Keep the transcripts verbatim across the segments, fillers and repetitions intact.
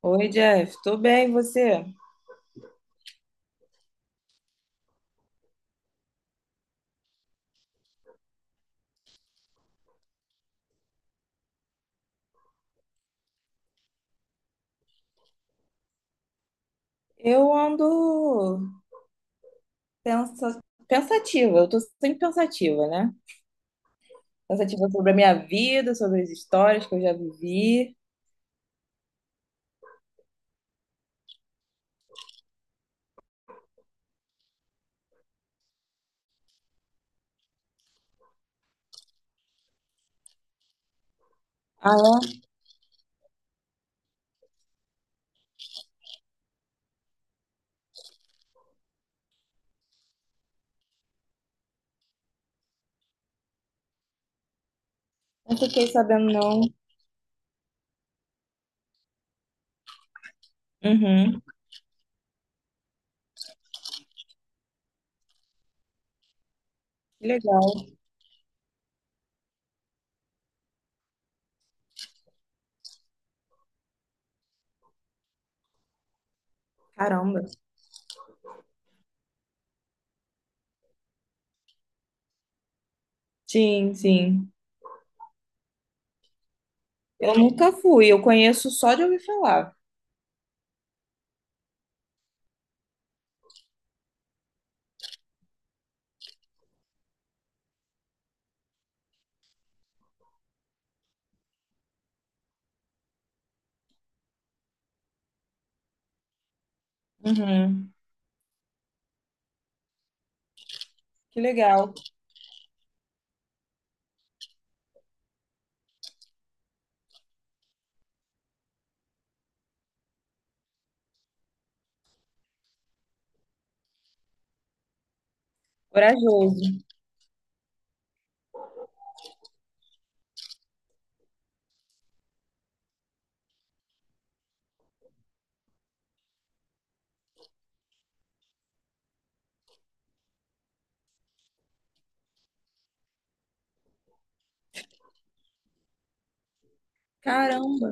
Oi, Jeff, tudo bem, e você? Eu ando pensa- pensativa, eu tô sempre pensativa, né? Pensativa sobre a minha vida, sobre as histórias que eu já vivi. Ah, é? Não fiquei sabendo, não. Uhum, que legal. Caramba. Sim, sim. Eu nunca fui, eu conheço só de ouvir falar. Uhum, que legal. Corajoso. Caramba.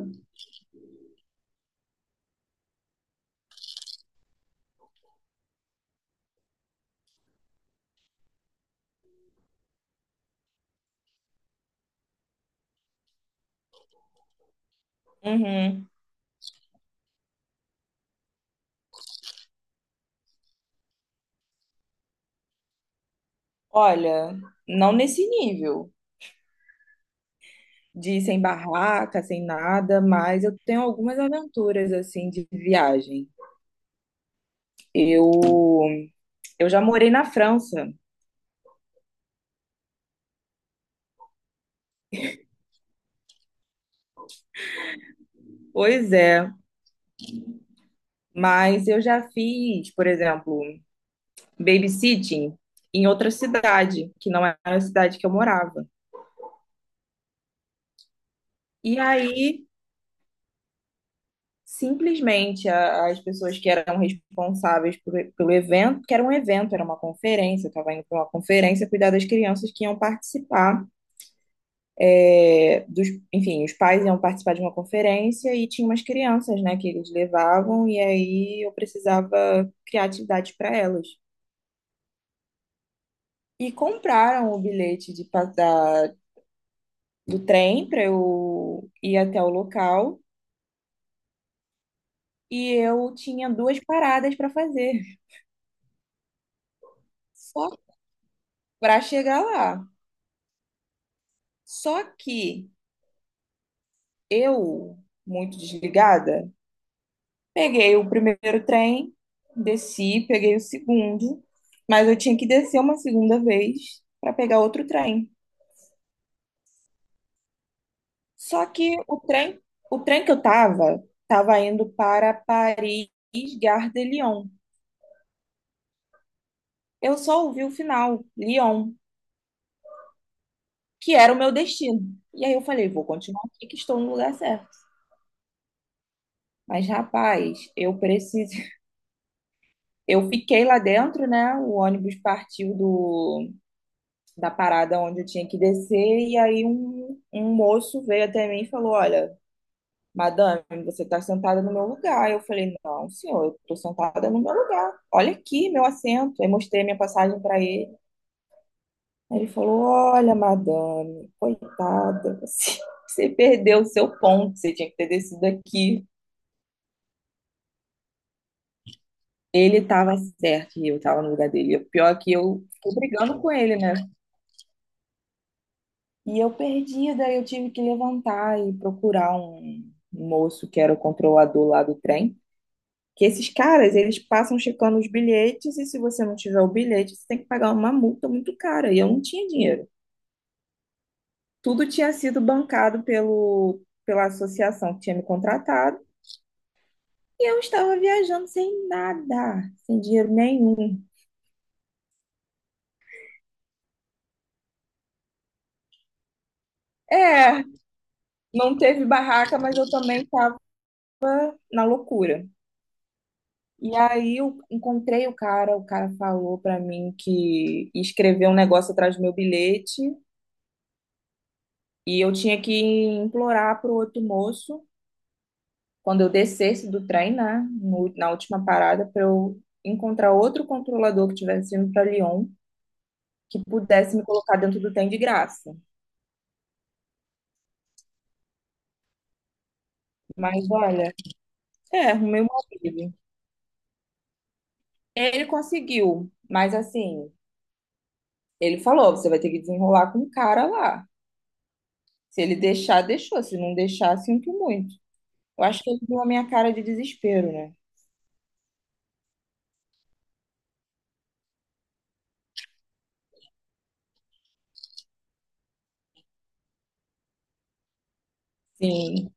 Uhum. Olha, não nesse nível de ir sem barraca, sem nada, mas eu tenho algumas aventuras assim de viagem. Eu eu já morei na França. Pois é, mas eu já fiz, por exemplo, babysitting em outra cidade, que não era a cidade que eu morava. E aí, simplesmente, a- as pessoas que eram responsáveis por- pelo evento, que era um evento, era uma conferência, eu estava indo para uma conferência cuidar das crianças que iam participar. É, dos, enfim, os pais iam participar de uma conferência e tinha umas crianças, né, que eles levavam e aí eu precisava criar atividade para elas. E compraram o bilhete de, pa- da, do trem para eu ir até o local e eu tinha duas paradas para fazer só para chegar lá. Só que eu, muito desligada, peguei o primeiro trem, desci, peguei o segundo, mas eu tinha que descer uma segunda vez para pegar outro trem. Só que o trem, o trem que eu tava, tava indo para Paris, Gare de Lyon. Eu só ouvi o final, Lyon, que era o meu destino. E aí eu falei, vou continuar aqui que estou no lugar certo. Mas, rapaz, eu preciso. Eu fiquei lá dentro, né? O ônibus partiu do da parada onde eu tinha que descer, e aí um, um moço veio até mim e falou: Olha, madame, você está sentada no meu lugar. Eu falei: Não, senhor, eu estou sentada no meu lugar. Olha aqui meu assento. Aí mostrei minha passagem para ele. Aí ele falou: Olha, madame, coitada, você, você perdeu o seu ponto, você tinha que ter descido aqui. Ele estava certo e eu estava no lugar dele. E o pior é que eu fiquei brigando com ele, né? E eu perdida, eu tive que levantar e procurar um moço que era o controlador lá do trem. Que esses caras, eles passam checando os bilhetes e se você não tiver o bilhete, você tem que pagar uma multa muito cara. E eu não tinha dinheiro. Tudo tinha sido bancado pelo, pela associação que tinha me contratado. E eu estava viajando sem nada, sem dinheiro nenhum. É, não teve barraca, mas eu também estava na loucura. E aí eu encontrei o cara, o cara falou pra mim que escreveu um negócio atrás do meu bilhete e eu tinha que implorar pro outro moço, quando eu descesse do trem, né, no- na última parada, para eu encontrar outro controlador que estivesse indo para Lyon, que pudesse me colocar dentro do trem de graça. Mas olha, é, arrumei uma vida. Ele conseguiu, mas assim, ele falou, você vai ter que desenrolar com o cara lá. Se ele deixar, deixou. Se não deixar, sinto muito. Eu acho que ele viu a minha cara de desespero, né? Sim.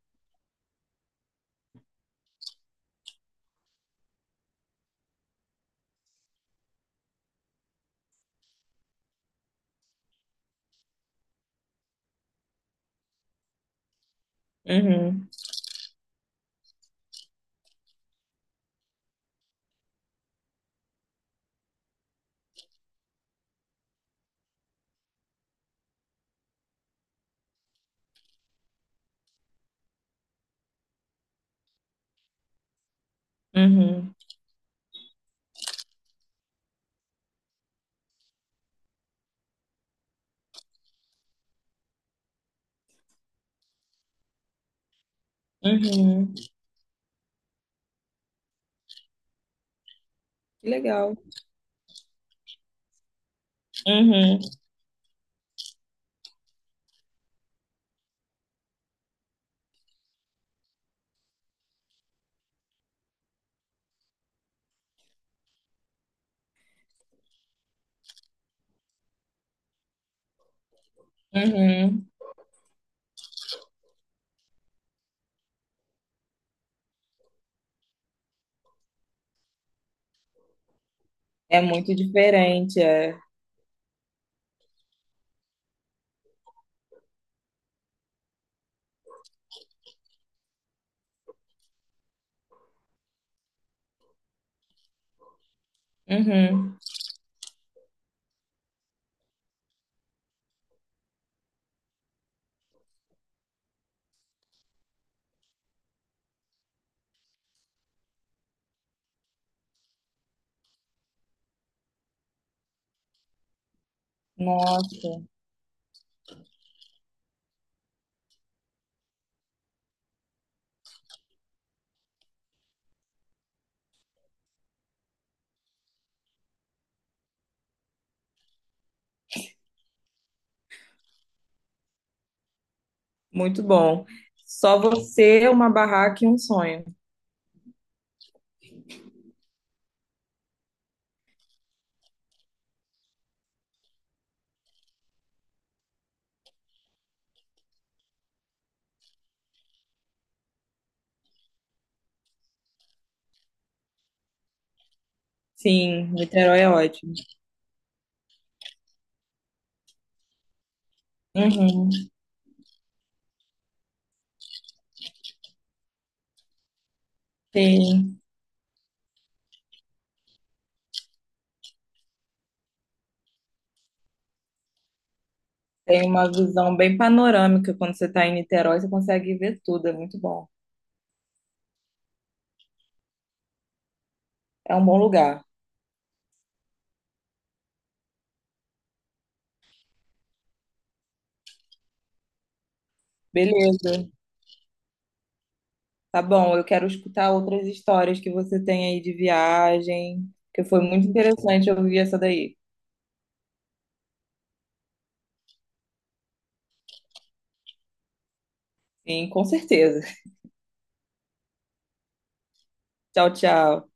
Uhum. Uhum. Uhum. Que legal. Uhum. Uhum. É muito diferente, é. Uhum. Nossa, muito bom. Só você, uma barraca e um sonho. Sim, Niterói é ótimo. Uhum. Sim. Tem uma visão bem panorâmica quando você está em Niterói, você consegue ver tudo, é muito bom. É um bom lugar. Beleza. Tá bom, eu quero escutar outras histórias que você tem aí de viagem, que foi muito interessante ouvir essa daí. Sim, com certeza. Tchau, tchau.